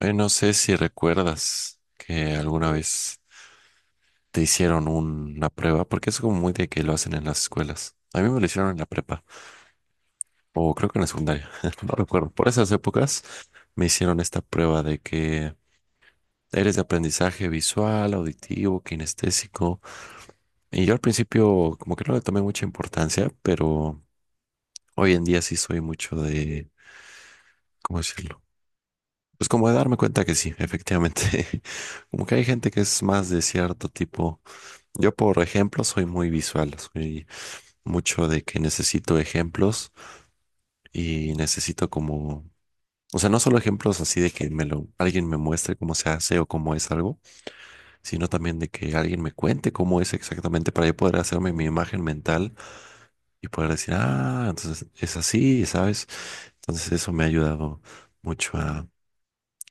No sé si recuerdas que alguna vez te hicieron una prueba, porque es como muy de que lo hacen en las escuelas. A mí me lo hicieron en la prepa, o creo que en la secundaria, no recuerdo. Por esas épocas me hicieron esta prueba de que eres de aprendizaje visual, auditivo, kinestésico. Y yo al principio como que no le tomé mucha importancia, pero hoy en día sí soy mucho de, ¿cómo decirlo? Pues como de darme cuenta que sí, efectivamente. Como que hay gente que es más de cierto tipo. Yo, por ejemplo, soy muy visual, soy mucho de que necesito ejemplos y necesito como, o sea, no solo ejemplos así de que alguien me muestre cómo se hace o cómo es algo, sino también de que alguien me cuente cómo es exactamente para yo poder hacerme mi imagen mental y poder decir, ah, entonces es así, ¿sabes? Entonces eso me ha ayudado mucho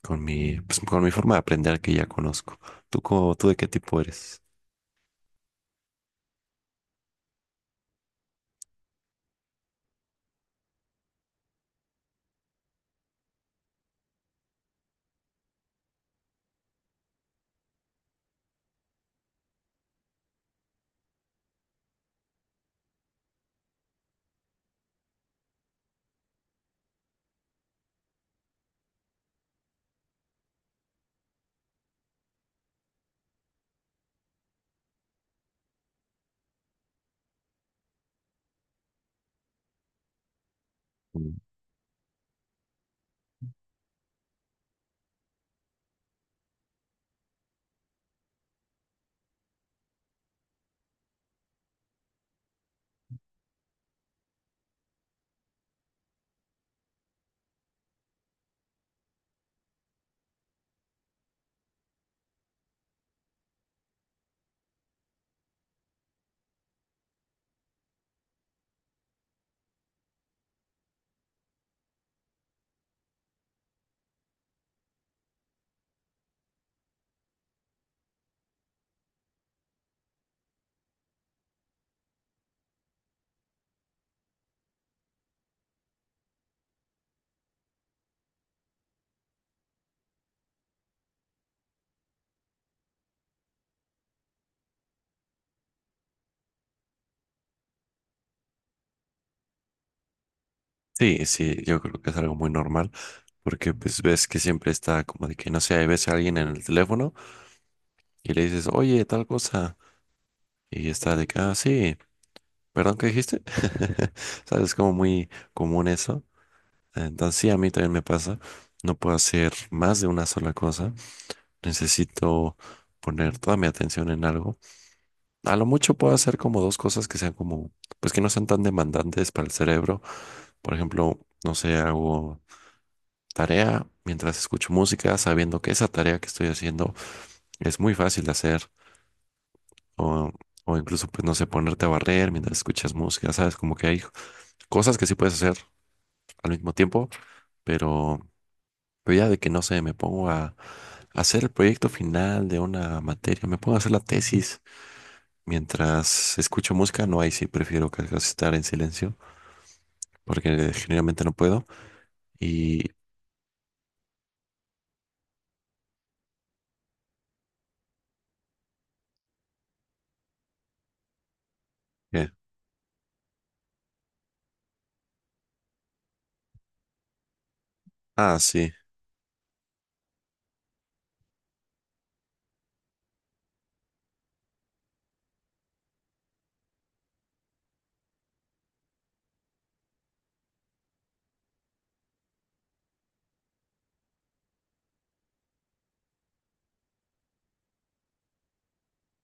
pues, con mi forma de aprender que ya conozco. ¿Tú, tú de qué tipo eres? Mm. Sí, sí, yo creo que es algo muy normal. Porque pues ves que siempre está como de que no sé, ves a alguien en el teléfono y le dices, oye, tal cosa. Y está de que, ah, sí, perdón, ¿qué dijiste? ¿Sabes? Como muy común eso. Entonces sí, a mí también me pasa. No puedo hacer más de una sola cosa. Necesito poner toda mi atención en algo. A lo mucho puedo hacer como dos cosas que sean como, pues que no sean tan demandantes para el cerebro. Por ejemplo, no sé, hago tarea mientras escucho música, sabiendo que esa tarea que estoy haciendo es muy fácil de hacer. O, o incluso, pues, no sé, ponerte a barrer mientras escuchas música, ¿sabes? Como que hay cosas que sí puedes hacer al mismo tiempo, pero, pero ya de que no sé, me pongo a hacer el proyecto final de una materia, me pongo a hacer la tesis mientras escucho música, no, ahí sí prefiero casi estar en silencio, porque generalmente no puedo. Y, ¿qué? Ah, sí.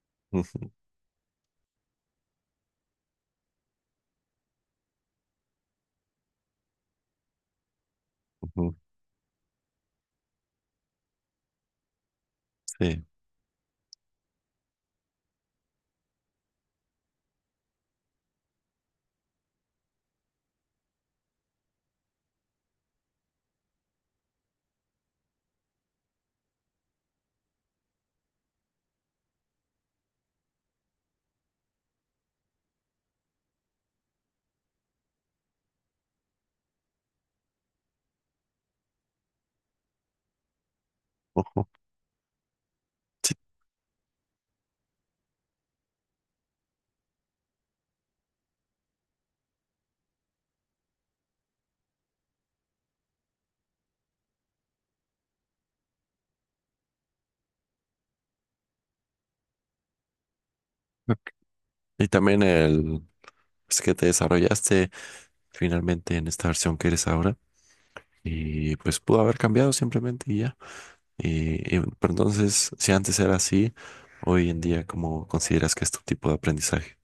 Ujú, ujú, sí. Ujú, sí. Y también el. Es que te desarrollaste finalmente en esta versión que eres ahora. Y pues pudo haber cambiado simplemente y ya. Pero entonces, si antes era así, hoy en día, ¿cómo consideras que es tu tipo de aprendizaje?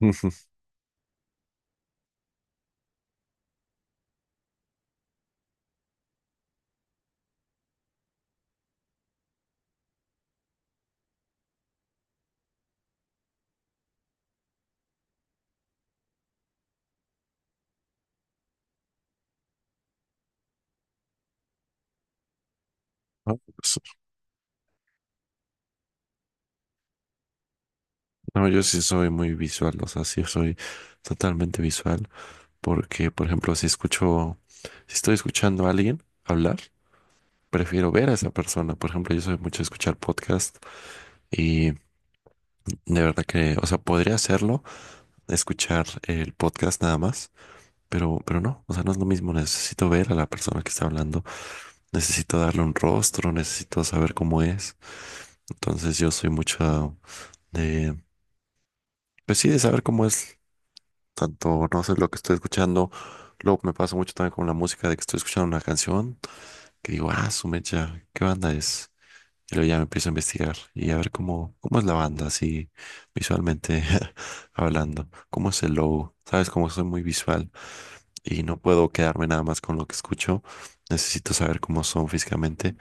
Ujú. Ah, pues, no, yo sí soy muy visual, o sea, sí soy totalmente visual, porque, por ejemplo, si escucho, si estoy escuchando a alguien hablar, prefiero ver a esa persona. Por ejemplo, yo soy mucho de escuchar podcast y de verdad que, o sea, podría hacerlo, escuchar el podcast nada más. Pero no, o sea, no es lo mismo. Necesito ver a la persona que está hablando, necesito darle un rostro, necesito saber cómo es. Entonces yo soy mucho de, pues sí, de saber cómo es. Tanto no sé lo que estoy escuchando. Luego me pasa mucho también con la música de que estoy escuchando una canción que digo, ah, su mecha, ¿qué banda es? Y luego ya me empiezo a investigar y a ver cómo es la banda, así visualmente hablando, cómo es el logo. Sabes, como soy muy visual, y no puedo quedarme nada más con lo que escucho. Necesito saber cómo son físicamente.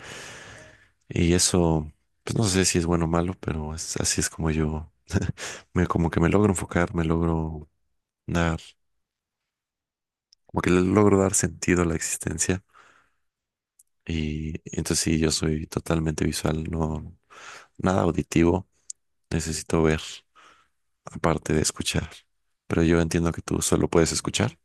Y eso, pues no sé si es bueno o malo, pero así es como yo, como que me logro enfocar, dar, como que le logro dar sentido a la existencia. Y entonces sí, yo soy totalmente visual, no, nada auditivo. Necesito ver, aparte de escuchar. Pero yo entiendo que tú solo puedes escuchar.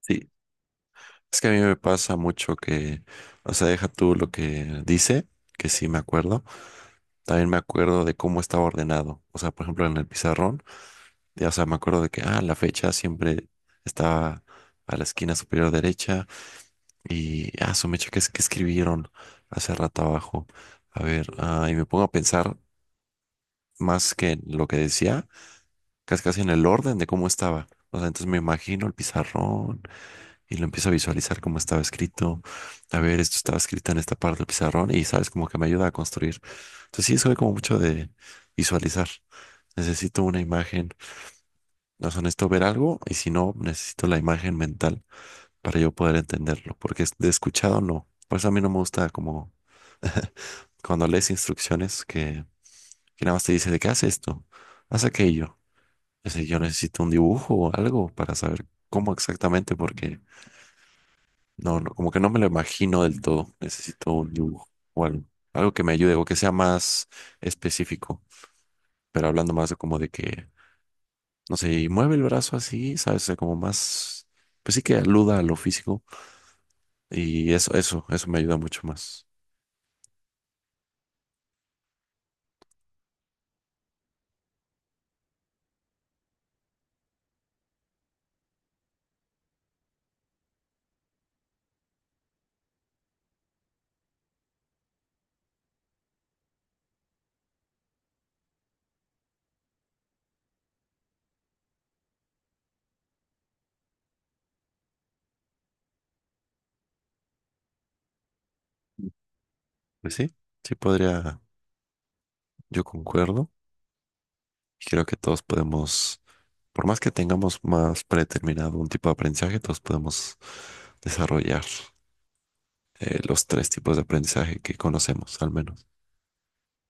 Sí, es que a mí me pasa mucho que, o sea, deja tú lo que dice, que sí me acuerdo. También me acuerdo de cómo estaba ordenado. O sea, por ejemplo, en el pizarrón, ya, o sea, me acuerdo de que, ah, la fecha siempre estaba a la esquina superior derecha y, ah, su mecha, ¿qué es que escribieron hace rato abajo? A ver, ah, y me pongo a pensar más que en lo que decía, casi casi en el orden de cómo estaba. O sea, entonces me imagino el pizarrón y lo empiezo a visualizar como estaba escrito. A ver, esto estaba escrito en esta parte del pizarrón y sabes, como que me ayuda a construir. Entonces sí, soy como mucho de visualizar. Necesito una imagen, no sea, necesito ver algo y si no, necesito la imagen mental para yo poder entenderlo, porque de escuchado no. Por eso a mí no me gusta como cuando lees instrucciones que nada más te dice de qué haz esto, haz aquello. Es decir, yo necesito un dibujo o algo para saber cómo exactamente, porque no, no, como que no me lo imagino del todo. Necesito un dibujo o algo, algo que me ayude o que sea más específico, pero hablando más de como de que, no sé, y mueve el brazo así, ¿sabes? O sea, como más, pues sí que aluda a lo físico y eso me ayuda mucho más. Pues sí, sí podría, yo concuerdo y creo que todos podemos, por más que tengamos más predeterminado un tipo de aprendizaje, todos podemos desarrollar los tres tipos de aprendizaje que conocemos, al menos.